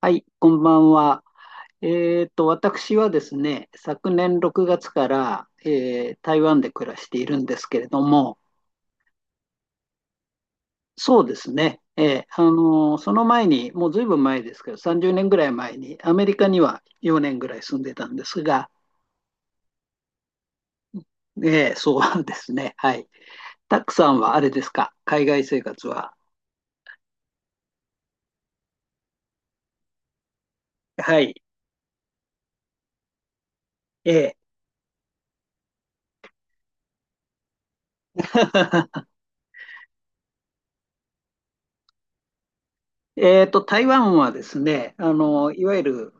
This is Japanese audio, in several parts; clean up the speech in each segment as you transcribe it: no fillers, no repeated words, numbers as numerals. はい、こんばんは。私はですね、昨年6月から、台湾で暮らしているんですけれども、そうですね、その前に、もうずいぶん前ですけど、30年ぐらい前に、アメリカには4年ぐらい住んでたんですが、えーそうですね、はい。たくさんはあれですか、海外生活は。はい。えー 台湾はですね、あのいわゆる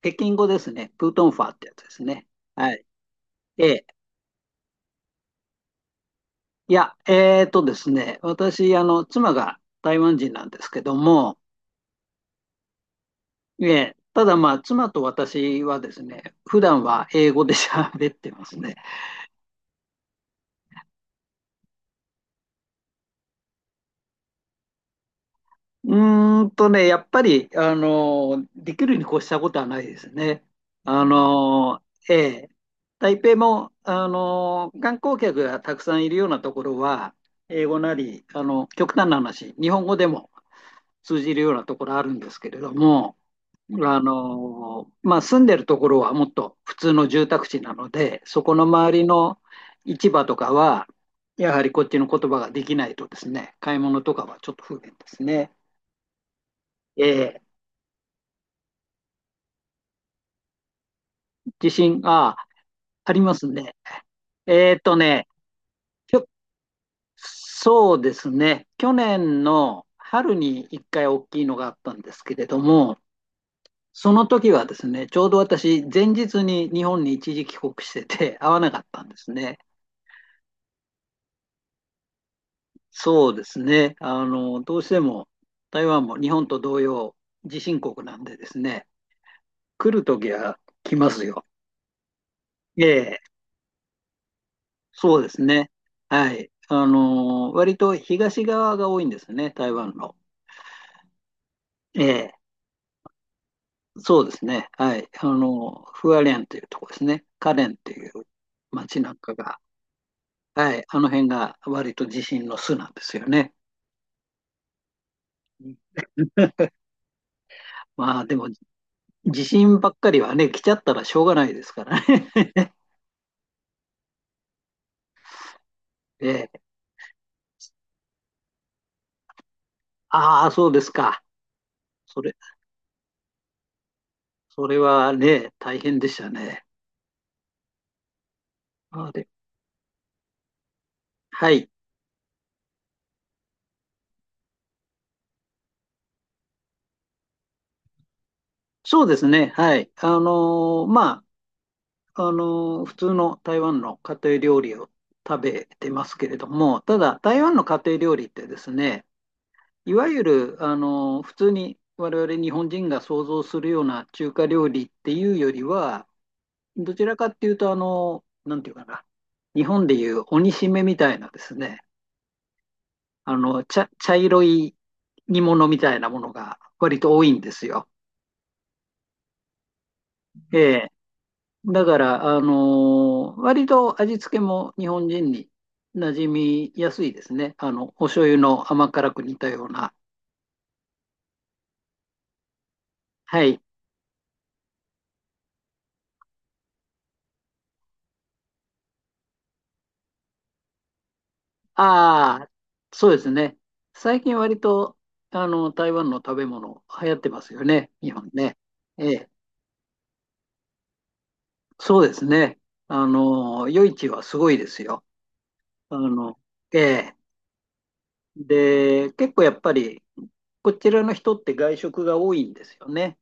北京語ですね、プートンファーってやつですね。はい。ええ、いや、えーとですね、私、妻が台湾人なんですけども、ただまあ、妻と私はですね、普段は英語で喋ってますね。うーんとね、やっぱり、できるに越したことはないですね。あの、ええ台北も、観光客がたくさんいるようなところは、英語なり、極端な話、日本語でも、通じるようなところあるんですけれども、まあ、住んでるところはもっと普通の住宅地なので、そこの周りの市場とかは、やはりこっちの言葉ができないとですね、買い物とかはちょっと不便ですね。えー、地震、あ、ありますね。えーっとね、きょそうですね、去年の春に1回大きいのがあったんですけれども、その時はですね、ちょうど私、前日に日本に一時帰国してて、会わなかったんですね。そうですね、どうしても台湾も日本と同様、地震国なんでですね、来る時は来ますよ。ええ、そうですね。はい。割と東側が多いんですね、台湾の。ええ、そうですね。はい。フアレンというとこですね。カレンという町なんかが、はい。あの辺が割と地震の巣なんですよね。まあでも、地震ばっかりはね、来ちゃったらしょうがないですからね。ええ、ああ、そうですか。それ、それはね、大変でしたね。あで、はい。そうですね。はい。まあ、普通の台湾の家庭料理を食べてますけれども、ただ、台湾の家庭料理ってですね、いわゆる、普通に我々日本人が想像するような中華料理っていうよりは、どちらかっていうと、なんていうかな、日本でいう鬼しめみたいなですね、茶色い煮物みたいなものが割と多いんですよ。ええ。だから、割と味付けも日本人に馴染みやすいですね。お醤油の甘辛く煮たような。はい。ああ、そうですね。最近割と、台湾の食べ物流行ってますよね、日本ね。ええ。そうですね。夜市はすごいですよ。あの、ええ。で、結構やっぱり、こちらの人って外食が多いんですよね。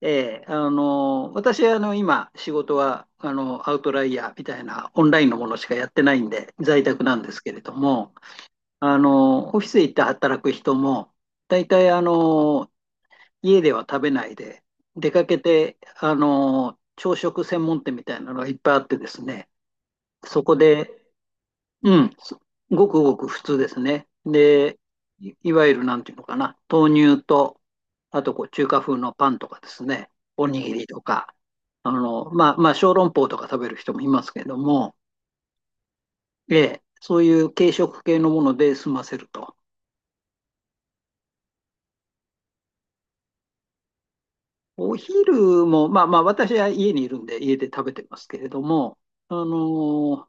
ええ。私、今、仕事は、アウトライヤーみたいなオンラインのものしかやってないんで、在宅なんですけれども、オフィス行って働く人も、大体、家では食べないで、出かけて、朝食専門店みたいなのがいっぱいあってですね、そこでうん、すごくごく普通ですね。で、いわゆるなんていうのかな、豆乳と、あとこう中華風のパンとかですね、おにぎりとか、まあ、小籠包とか食べる人もいますけども、ええ、そういう軽食系のもので済ませると。お昼も、私は家にいるんで、家で食べてますけれども、あの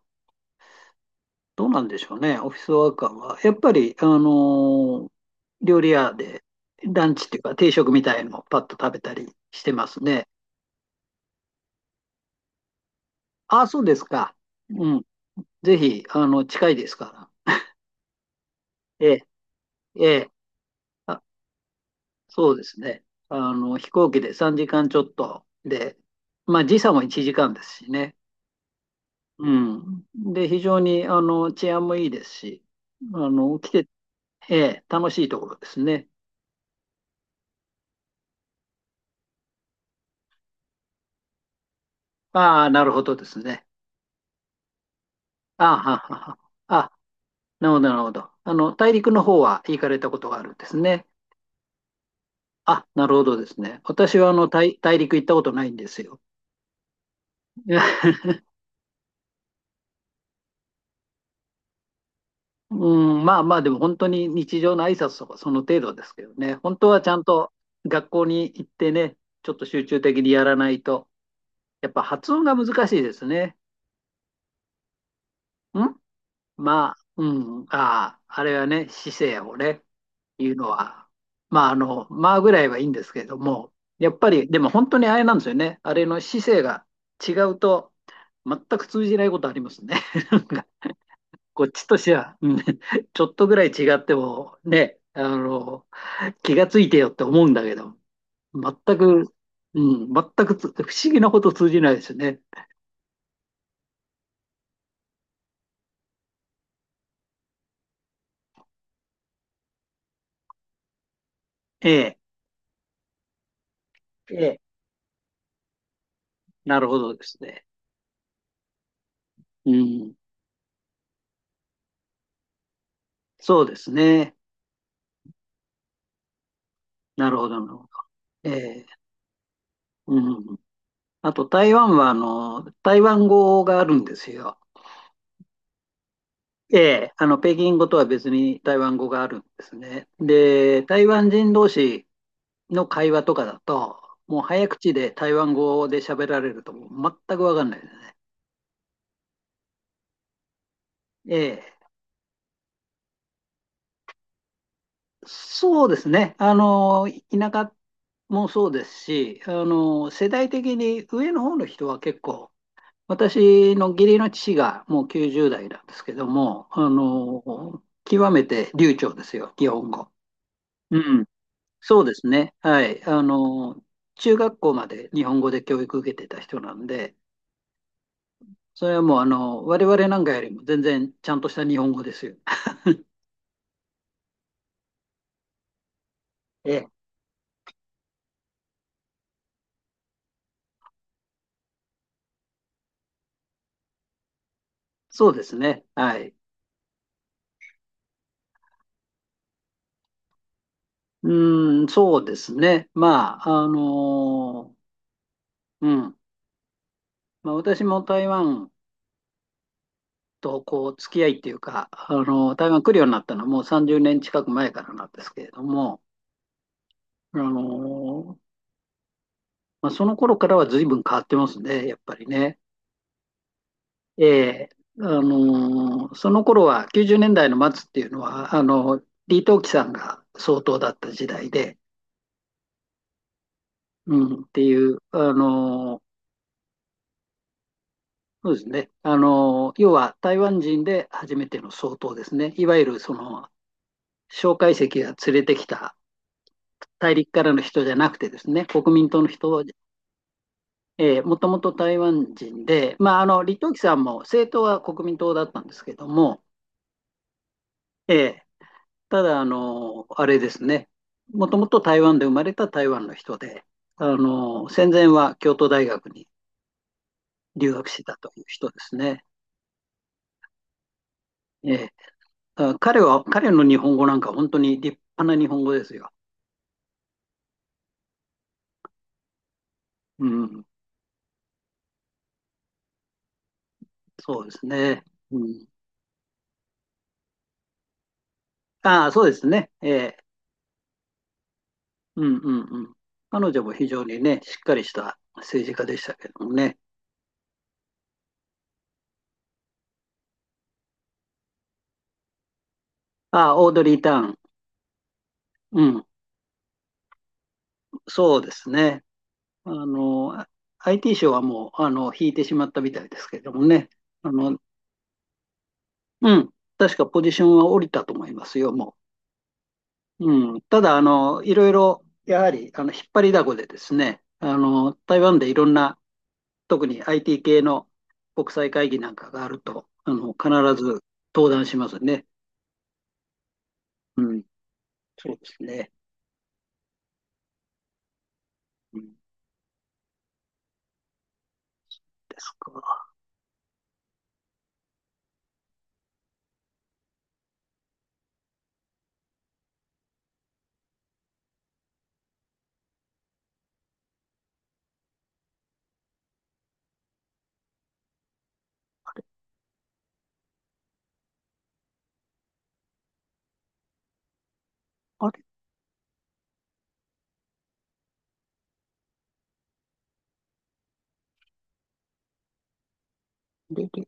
どうなんでしょうね、オフィスワーカーは。やっぱり、ー料理屋でランチっていうか定食みたいのをパッと食べたりしてますね。ああ、そうですか。うん。ぜひ、近いですから。ええ、ええ。あ、そうですね。飛行機で3時間ちょっとで、まあ、時差も1時間ですしね。うん。で、非常に、治安もいいですし、あの、来て、ええ、楽しいところですね。ああ、なるほどですね。ああ、ははは。あなるほど、なるほど。大陸の方は行かれたことがあるんですね。あ、なるほどですね。私は大陸行ったことないんですよ。うん、まあまあ、でも本当に日常の挨拶とかその程度ですけどね。本当はちゃんと学校に行ってね、ちょっと集中的にやらないと、やっぱ発音が難しいですね。んまあ、うん、ああ、あれはね、姿勢をね。いうのは、まあ、まあぐらいはいいんですけれども、やっぱり、でも本当にあれなんですよね。あれの姿勢が違うと、全く通じないことありますね。なんか、こっちとしては、うんちょっとぐらい違っても、ね、気がついてよって思うんだけど、全く、うん、全くつ不思議なこと通じないですね。ええ、ええ、なるほどですね。うん、そうですね。なるほどなるほど。ええ、うん。あと台湾はあの台湾語があるんですよ。ええ、あの北京語とは別に台湾語があるんですね。で、台湾人同士の会話とかだと、もう早口で台湾語で喋られるともう全く分かんないですね。ええ、そうですね。田舎もそうですし、世代的に上の方の人は結構私の義理の父がもう90代なんですけども、極めて流暢ですよ、日本語。うん、そうですね。はい。中学校まで日本語で教育受けてた人なんで、それはもう、我々なんかよりも全然ちゃんとした日本語ですよ。ええ、そうですね。はい。うーん、そうですね。まあ、うん。まあ、私も台湾とこう付き合いっていうか、あの台湾来るようになったのはもう30年近く前からなんですけれども、あのまあ、その頃からは随分変わってますね、やっぱりね。ええ、あのその頃は90年代の末っていうのは、あの李登輝さんが総統だった時代で、うん、っていう、あのそうですね、あの要は台湾人で初めての総統ですね、いわゆるその蒋介石が連れてきた大陸からの人じゃなくてですね、国民党の人、えー、もともと台湾人で、まあ、李登輝さんも政党は国民党だったんですけども、えー、ただ、あれですね、もともと台湾で生まれた台湾の人で、戦前は京都大学に留学してたという人ですね。えー、彼の日本語なんか本当に立派な日本語ですよ。うん、そうですね。うん、ああ、そうですね。えー、うんうんうん。彼女も非常にね、しっかりした政治家でしたけどもね。あ、オードリー・ターン。うん、そうですね。あの、あ IT 賞はもう、引いてしまったみたいですけどもね。あの、うん、確かポジションは降りたと思いますよ、もう。うん、ただ、いろいろ、やはり、引っ張りだこでですね、台湾でいろんな、特に IT 系の国際会議なんかがあると、必ず登壇しますね。うん、そうですね。うんですか。あれ、レデ